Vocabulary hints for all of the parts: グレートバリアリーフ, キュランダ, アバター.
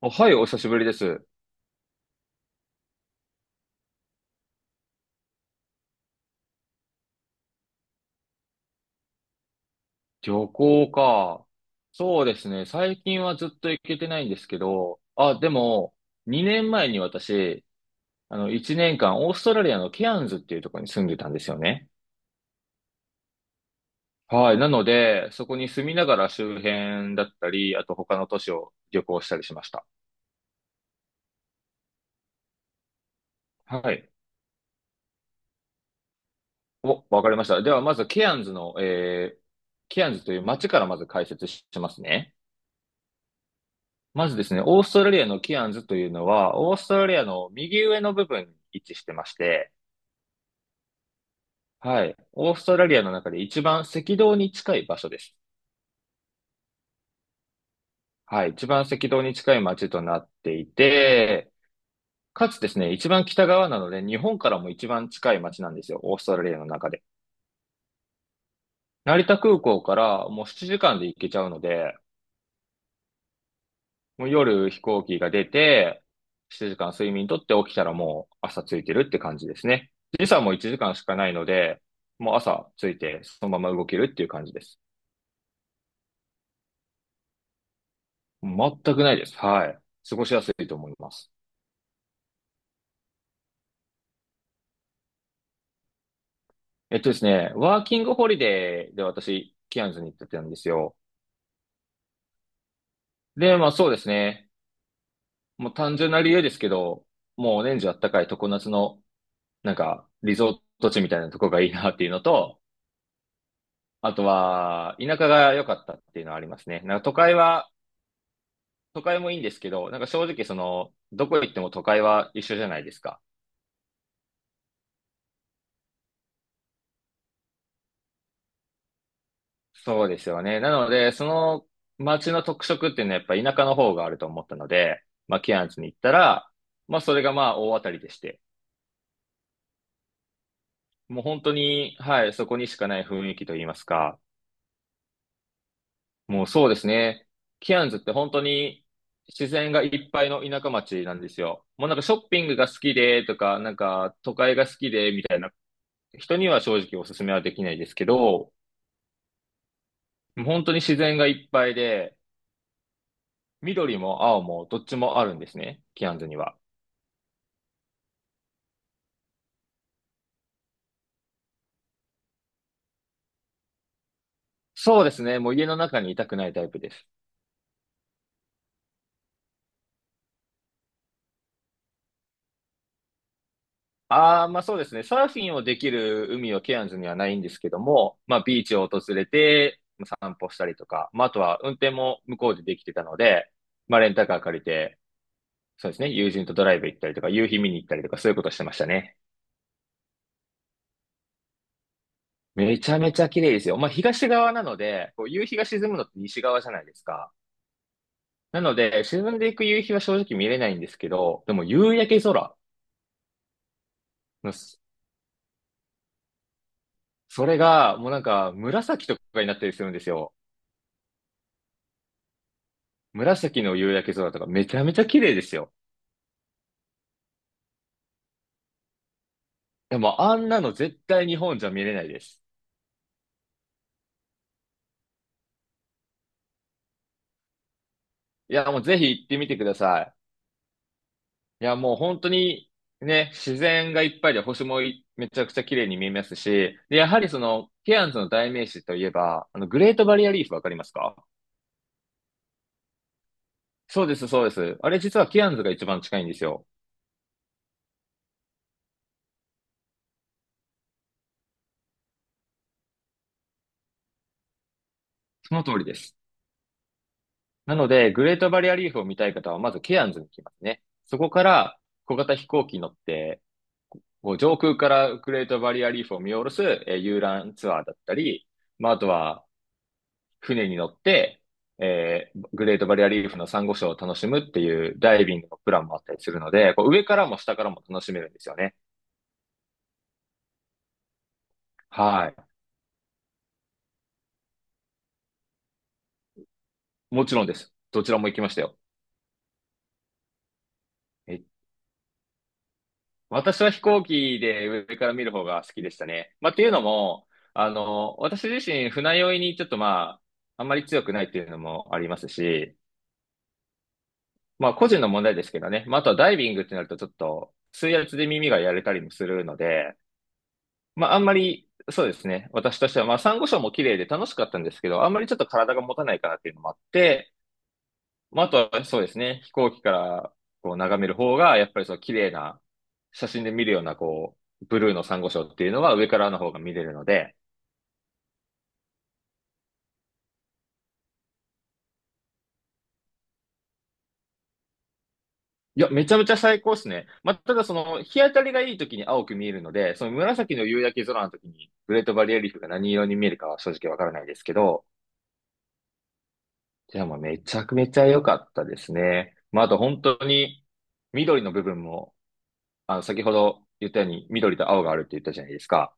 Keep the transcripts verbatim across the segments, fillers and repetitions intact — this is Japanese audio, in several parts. あ、はい、お久しぶりです。旅行か。そうですね。最近はずっと行けてないんですけど、あ、でも、にねんまえに私、あの、いちねんかん、オーストラリアのケアンズっていうところに住んでたんですよね。はい。なので、そこに住みながら周辺だったり、あと他の都市を旅行したりしました。はい。お、わかりました。では、まずケアンズの、えー、ケアンズという街からまず解説しますね。まずですね、オーストラリアのキアンズというのは、オーストラリアの右上の部分に位置してまして、はい。オーストラリアの中で一番赤道に近い場所です。はい。一番赤道に近い町となっていて、かつですね、一番北側なので、日本からも一番近い町なんですよ。オーストラリアの中で。成田空港からもうななじかんで行けちゃうので、もう夜飛行機が出て、ななじかん睡眠とって起きたらもう朝着いてるって感じですね。時差もいちじかんしかないので、もう朝着いてそのまま動けるっていう感じです。全くないです。はい。過ごしやすいと思います。えっとですね、ワーキングホリデーで私、キアンズに行ってたんですよ。で、まあそうですね。もう単純な理由ですけど、もう年中あったかい常夏の、なんか、リゾート地みたいなとこがいいなっていうのと、あとは、田舎が良かったっていうのはありますね。なんか都会は、都会もいいんですけど、なんか正直その、どこ行っても都会は一緒じゃないですか。そうですよね。なので、その街の特色っていうのはやっぱ田舎の方があると思ったので、まあ、ケアンズに行ったら、まあ、それがまあ、大当たりでして、もう本当に、はい、そこにしかない雰囲気といいますか、もうそうですね。ケアンズって本当に自然がいっぱいの田舎町なんですよ。もうなんかショッピングが好きでとか、なんか都会が好きでみたいな人には正直おすすめはできないですけど、本当に自然がいっぱいで、緑も青もどっちもあるんですね、キアンズには。そうですね、もう家の中にいたくないタイプです。ああ、まあそうですね、サーフィンをできる海はケアンズにはないんですけども、まあビーチを訪れて散歩したりとか、まああとは運転も向こうでできてたので、まあレンタカー借りて、そうですね、友人とドライブ行ったりとか、夕日見に行ったりとか、そういうことしてましたね。めちゃめちゃ綺麗ですよ。まあ、東側なので、こう夕日が沈むのって西側じゃないですか。なので、沈んでいく夕日は正直見れないんですけど、でも夕焼け空のす、それがもうなんか紫とかになったりするんですよ。紫の夕焼け空とかめちゃめちゃ綺麗ですよ。でもあんなの絶対日本じゃ見れないです。いや、もうぜひ行ってみてください。いや、もう本当にね、自然がいっぱいで星もいめちゃくちゃ綺麗に見えますし、で、やはりその、ケアンズの代名詞といえば、あの、グレートバリアリーフわかりますか？そうです、そうです。あれ実はケアンズが一番近いんですよ。その通りです。なので、グレートバリアリーフを見たい方は、まずケアンズに来ますね。そこから、小型飛行機に乗って、もう上空からグレートバリアリーフを見下ろす、えー遊覧ツアーだったり、まあ、あとは、船に乗って、えーグレートバリアリーフのサンゴ礁を楽しむっていうダイビングのプランもあったりするので、こう上からも下からも楽しめるんですよね。はい。もちろんです。どちらも行きましたよ。え、私は飛行機で上から見る方が好きでしたね。まあ、っていうのも、あの、私自身船酔いにちょっとまあ、あんまり強くないっていうのもありますし、まあ個人の問題ですけどね。まあ、あとはダイビングってなるとちょっと水圧で耳がやれたりもするので、まあ、あんまり、そうですね。私としては、まあ、サンゴ礁も綺麗で楽しかったんですけど、あんまりちょっと体が持たないかなっていうのもあって、まあ、あとはそうですね。飛行機からこう眺める方が、やっぱりそう綺麗な、写真で見るような、こう、ブルーのサンゴ礁っていうのは上からの方が見れるので、いや、めちゃめちゃ最高ですね。まあ、ただその、日当たりがいい時に青く見えるので、その紫の夕焼け空の時に、グレートバリアリーフが何色に見えるかは正直わからないですけど、じゃあもうめちゃくめちゃ良かったですね。まあ、あと本当に緑の部分も、あの、先ほど言ったように緑と青があるって言ったじゃないですか。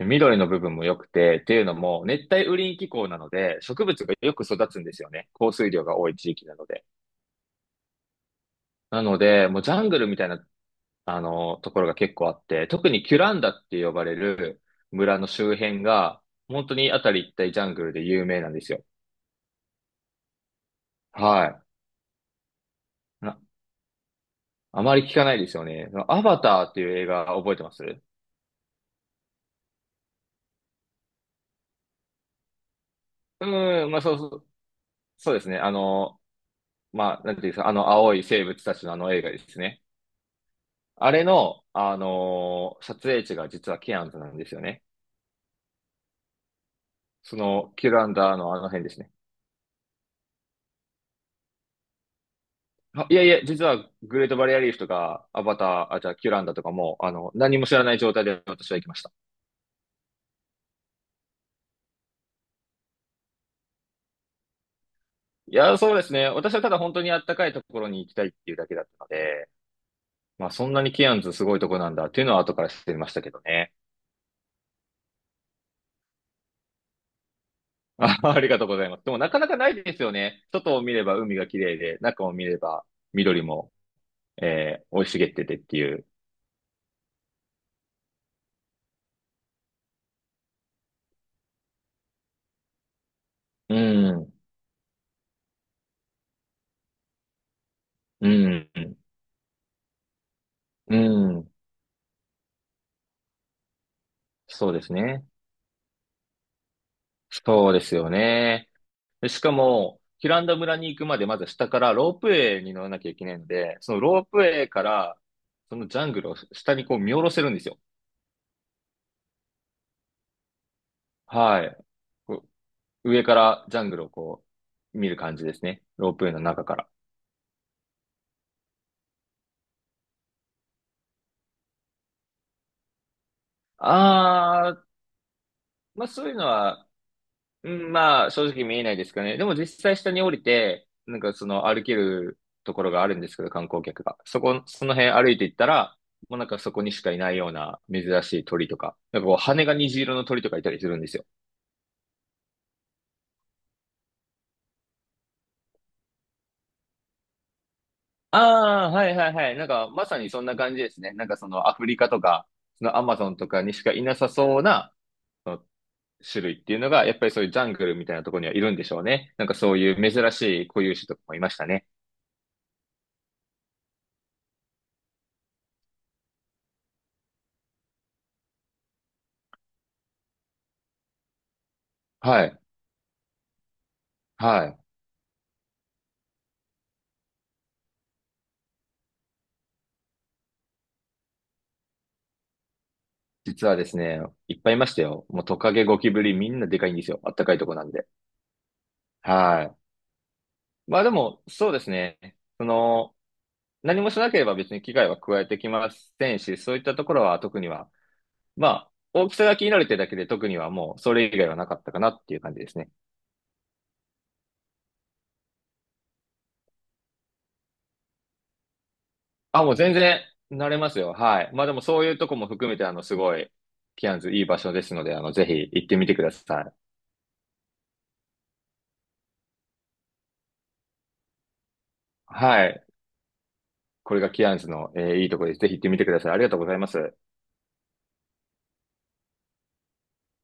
緑の部分も良くて、っていうのも熱帯雨林気候なので植物がよく育つんですよね。降水量が多い地域なので。なので、もうジャングルみたいな、あの、ところが結構あって、特にキュランダって呼ばれる村の周辺が、本当にあたり一帯ジャングルで有名なんですよ。はい。あまり聞かないですよね。アバターっていう映画覚えてます？うん、まあそうそう、そうですね。あの、まあ、なんていうんですか、あの青い生物たちのあの映画ですね。あれの、あのー撮影地が実はケアンズなんですよね。その、キュランダーのあの辺ですね。あ、いやいや、実はグレートバリアリーフとか、アバター、あ、じゃあキュランダとかも、あの、何も知らない状態で私は行きました。いや、そうですね。私はただ本当にあったかいところに行きたいっていうだけだったので、まあそんなにケアンズすごいとこなんだっていうのは後から知ってましたけどね。あ、ありがとうございます。でもなかなかないですよね。外を見れば海が綺麗で、中を見れば緑も、えー、生い茂っててっていう。うん、うん、うん。そうですね。そうですよね。でしかも、ヒランダ村に行くまでまず下からロープウェイに乗らなきゃいけないので、そのロープウェイから、そのジャングルを下にこう見下ろせるんですよ。はい。こう上からジャングルをこう見る感じですね。ロープウェイの中から。あ、まあそういうのは、うん、まあ正直見えないですかね。でも実際下に降りて、なんかその歩けるところがあるんですけど、観光客が。そこ、その辺歩いていったら、もうなんかそこにしかいないような珍しい鳥とか、なんかこう羽が虹色の鳥とかいたりするんですよ。ああ、はいはいはい。なんかまさにそんな感じですね。なんかそのアフリカとか、そのアマゾンとかにしかいなさそうなその種類っていうのが、やっぱりそういうジャングルみたいなところにはいるんでしょうね。なんかそういう珍しい固有種とかもいましたね。はい。はい。実はですね、いっぱいいましたよ。もうトカゲ、ゴキブリ、みんなでかいんですよ。あったかいとこなんで。はい。まあでも、そうですね。その、何もしなければ別に危害は加えてきませんし、そういったところは特には、まあ、大きさが気になるってだけで特にはもうそれ以外はなかったかなっていう感じですね。あ、もう全然慣れますよ。はい。まあでもそういうとこも含めて、あの、すごい、キアンズいい場所ですので、あの、ぜひ行ってみてください。はい。これがキアンズの、えーいいところです。ぜひ行ってみてください。ありがとうございます。